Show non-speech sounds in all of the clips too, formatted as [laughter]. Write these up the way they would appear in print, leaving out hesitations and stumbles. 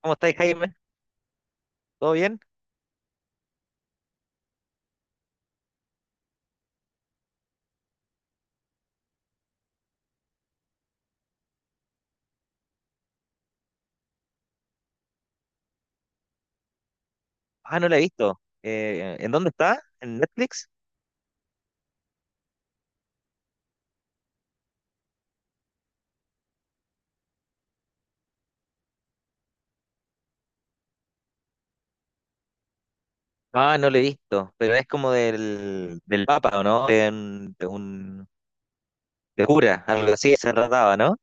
¿Cómo estáis, Jaime? ¿Todo bien? Ah, no la he visto. ¿En dónde está? ¿En Netflix? Ah, no la he visto, pero es como del Papa, ¿o no? De cura, algo así se trataba, ¿no?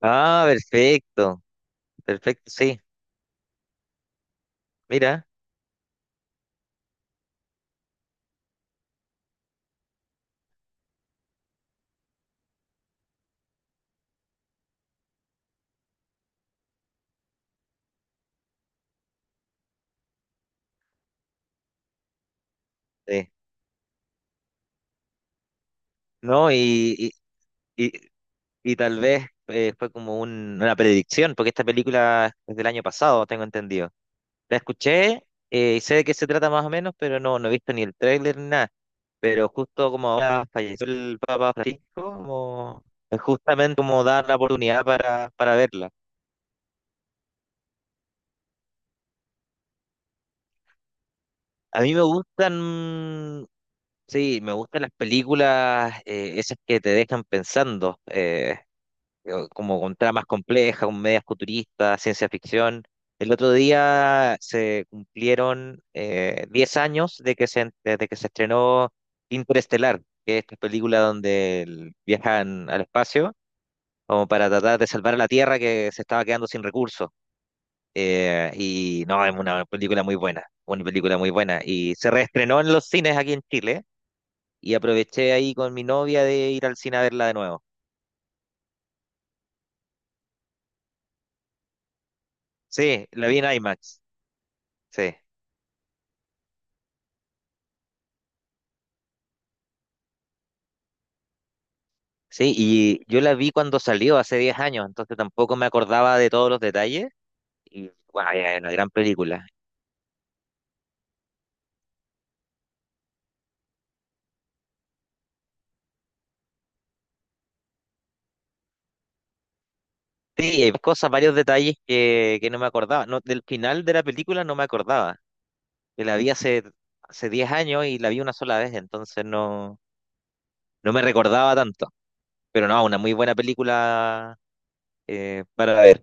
Ah, perfecto, perfecto, sí. Mira, sí. No, y, y tal vez fue como una predicción, porque esta película es del año pasado, tengo entendido. La escuché y sé de qué se trata más o menos, pero no, no he visto ni el tráiler ni nada. Pero justo como ahora falleció el Papa Francisco, como, es justamente como dar la oportunidad para verla. A mí me gustan, mm, sí, me gustan las películas, esas que te dejan pensando, como con tramas complejas, con medias futuristas, ciencia ficción. El otro día se cumplieron 10 años de desde que se estrenó Interestelar, que es esta película donde viajan al espacio como para tratar de salvar a la Tierra que se estaba quedando sin recursos. Y no, es una película muy buena, una película muy buena. Y se reestrenó en los cines aquí en Chile y aproveché ahí con mi novia de ir al cine a verla de nuevo. Sí, la vi en IMAX, sí. Sí, y yo la vi cuando salió hace 10 años, entonces tampoco me acordaba de todos los detalles. Y wow, es una gran película. Sí, hay cosas, varios detalles que no me acordaba. No, del final de la película no me acordaba. Que la vi hace, hace 10 años y la vi una sola vez, entonces no, no me recordaba tanto. Pero no, una muy buena película para ver.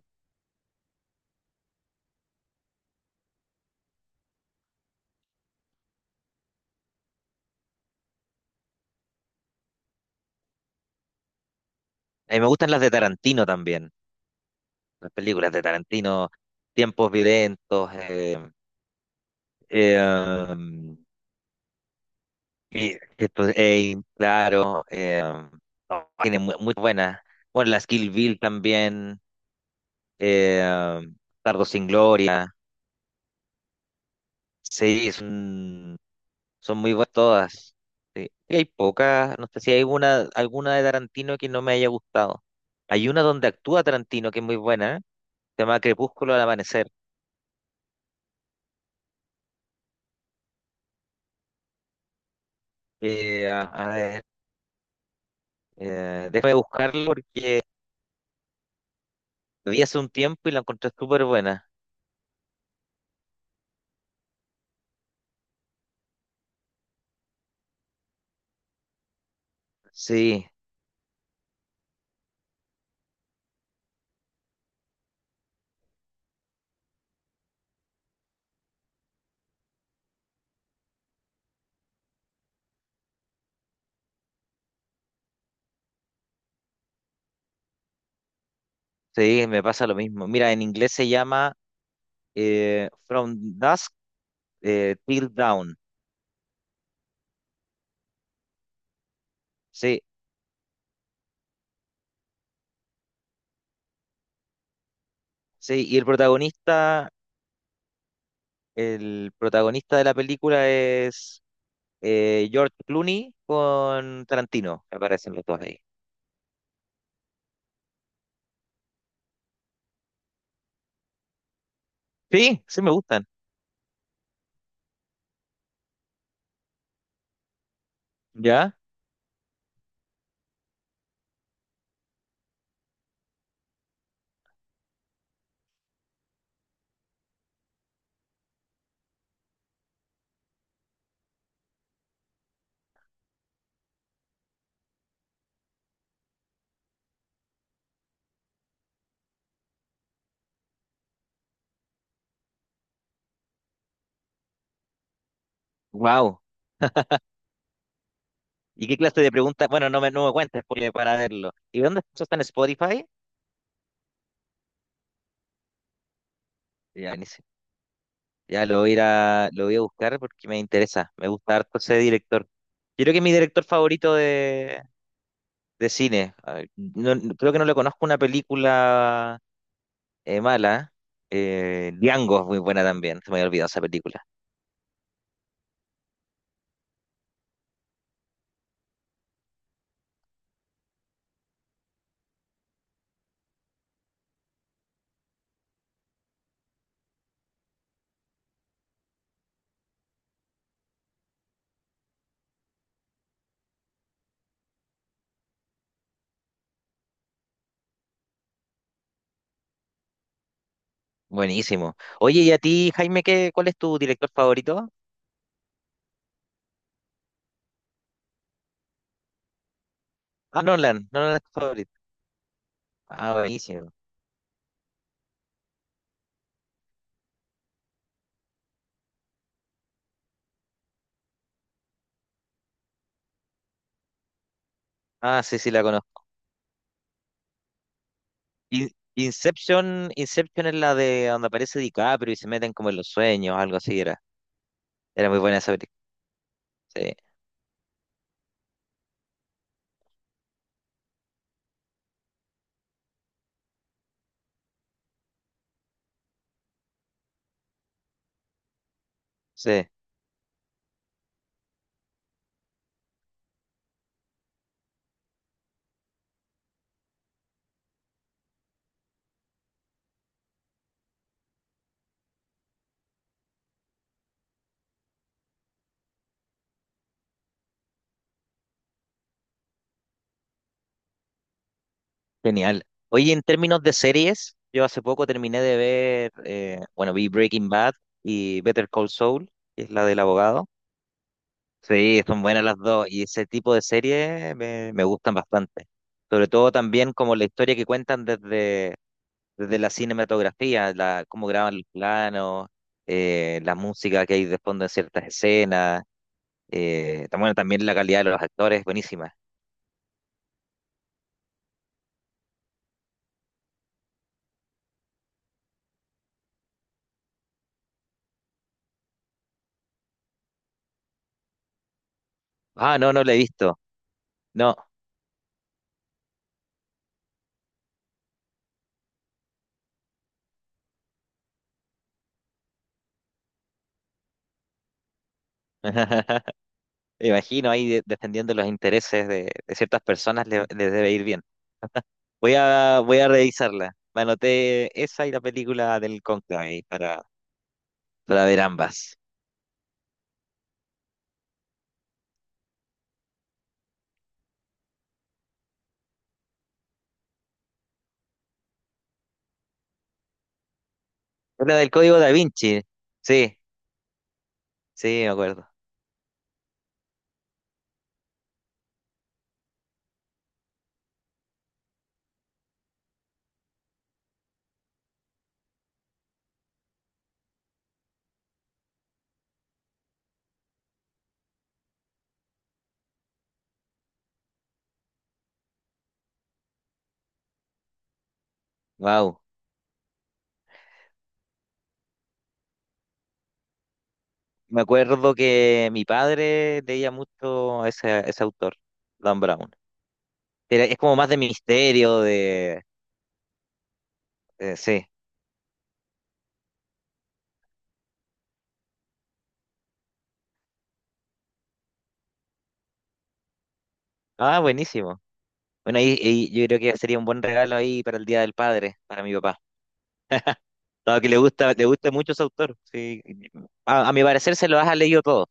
A mí me gustan las de Tarantino también, las películas de Tarantino, Tiempos Violentos, eh, y esto, claro, no, tiene muy buenas. Bueno, las Kill Bill también, eh, Tardo sin Gloria, sí, es un son muy buenas todas. Sí. Y hay pocas, no sé si hay una, alguna de Tarantino que no me haya gustado. Hay una donde actúa Tarantino que es muy buena, ¿eh? Se llama Crepúsculo al amanecer. A ver, déjame buscarlo porque la vi hace un tiempo y la encontré súper buena. Sí, sí, me pasa lo mismo. Mira, en inglés se llama From Dusk Till Dawn. Sí, sí, y el protagonista de la película es George Clooney con Tarantino, me parecen los dos ahí. Sí, me gustan. ¿Ya? Wow. ¿Y qué clase de preguntas? Bueno, no me cuentes porque para verlo. ¿Y dónde eso está en Spotify? Ya, buenísimo. Lo voy a buscar porque me interesa. Me gusta harto ese director. Yo creo que es mi director favorito de cine. A ver, creo que no le conozco una película mala. Django es muy buena también. Se me había olvidado esa película. Buenísimo. Oye, ¿y a ti, Jaime, qué, cuál es tu director favorito? Ah, Nolan, Nolan es tu favorito. Ah, buenísimo. Sí, la conozco. In- Inception, Inception es la de donde aparece DiCaprio y se meten como en los sueños, algo así era. Era muy buena esa película. Sí, sí, genial. Oye, en términos de series, yo hace poco terminé de ver, bueno, vi Breaking Bad y Better Call Saul, que es la del abogado. Sí, son buenas las dos y ese tipo de series me gustan bastante. Sobre todo también como la historia que cuentan desde la cinematografía, cómo graban los planos, la música que hay de fondo en ciertas escenas, bueno, también la calidad de los actores, buenísima. Ah, no, no la he visto. No. [laughs] Me imagino ahí defendiendo los intereses de ciertas personas les debe ir bien. Voy a revisarla. Me anoté esa y la película del Conclave para ver ambas. Es la del Código Da Vinci. Sí, sí, me acuerdo. Wow. Me acuerdo que mi padre leía mucho a ese autor, Dan Brown. Era es como más de misterio, de... Eh, sí. Ah, buenísimo. Bueno, ahí yo creo que sería un buen regalo ahí para el Día del Padre, para mi papá. Dado que le gusta mucho ese autor. Sí. A mi parecer se lo has leído todo.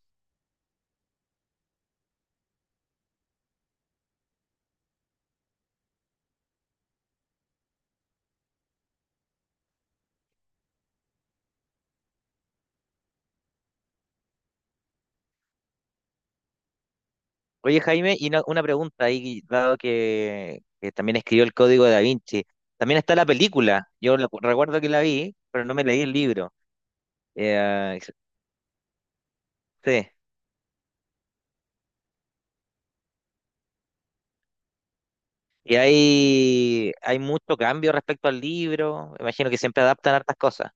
Oye, Jaime, y una pregunta ahí, dado que también escribió el Código de Da Vinci. También está la película. Yo recuerdo que la vi, pero no me leí el libro. Eh, sí. Y hay mucho cambio respecto al libro. Me imagino que siempre adaptan hartas cosas.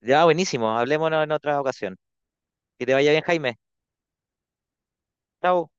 Ya, buenísimo. Hablémonos en otra ocasión. Que te vaya bien, Jaime. Chao.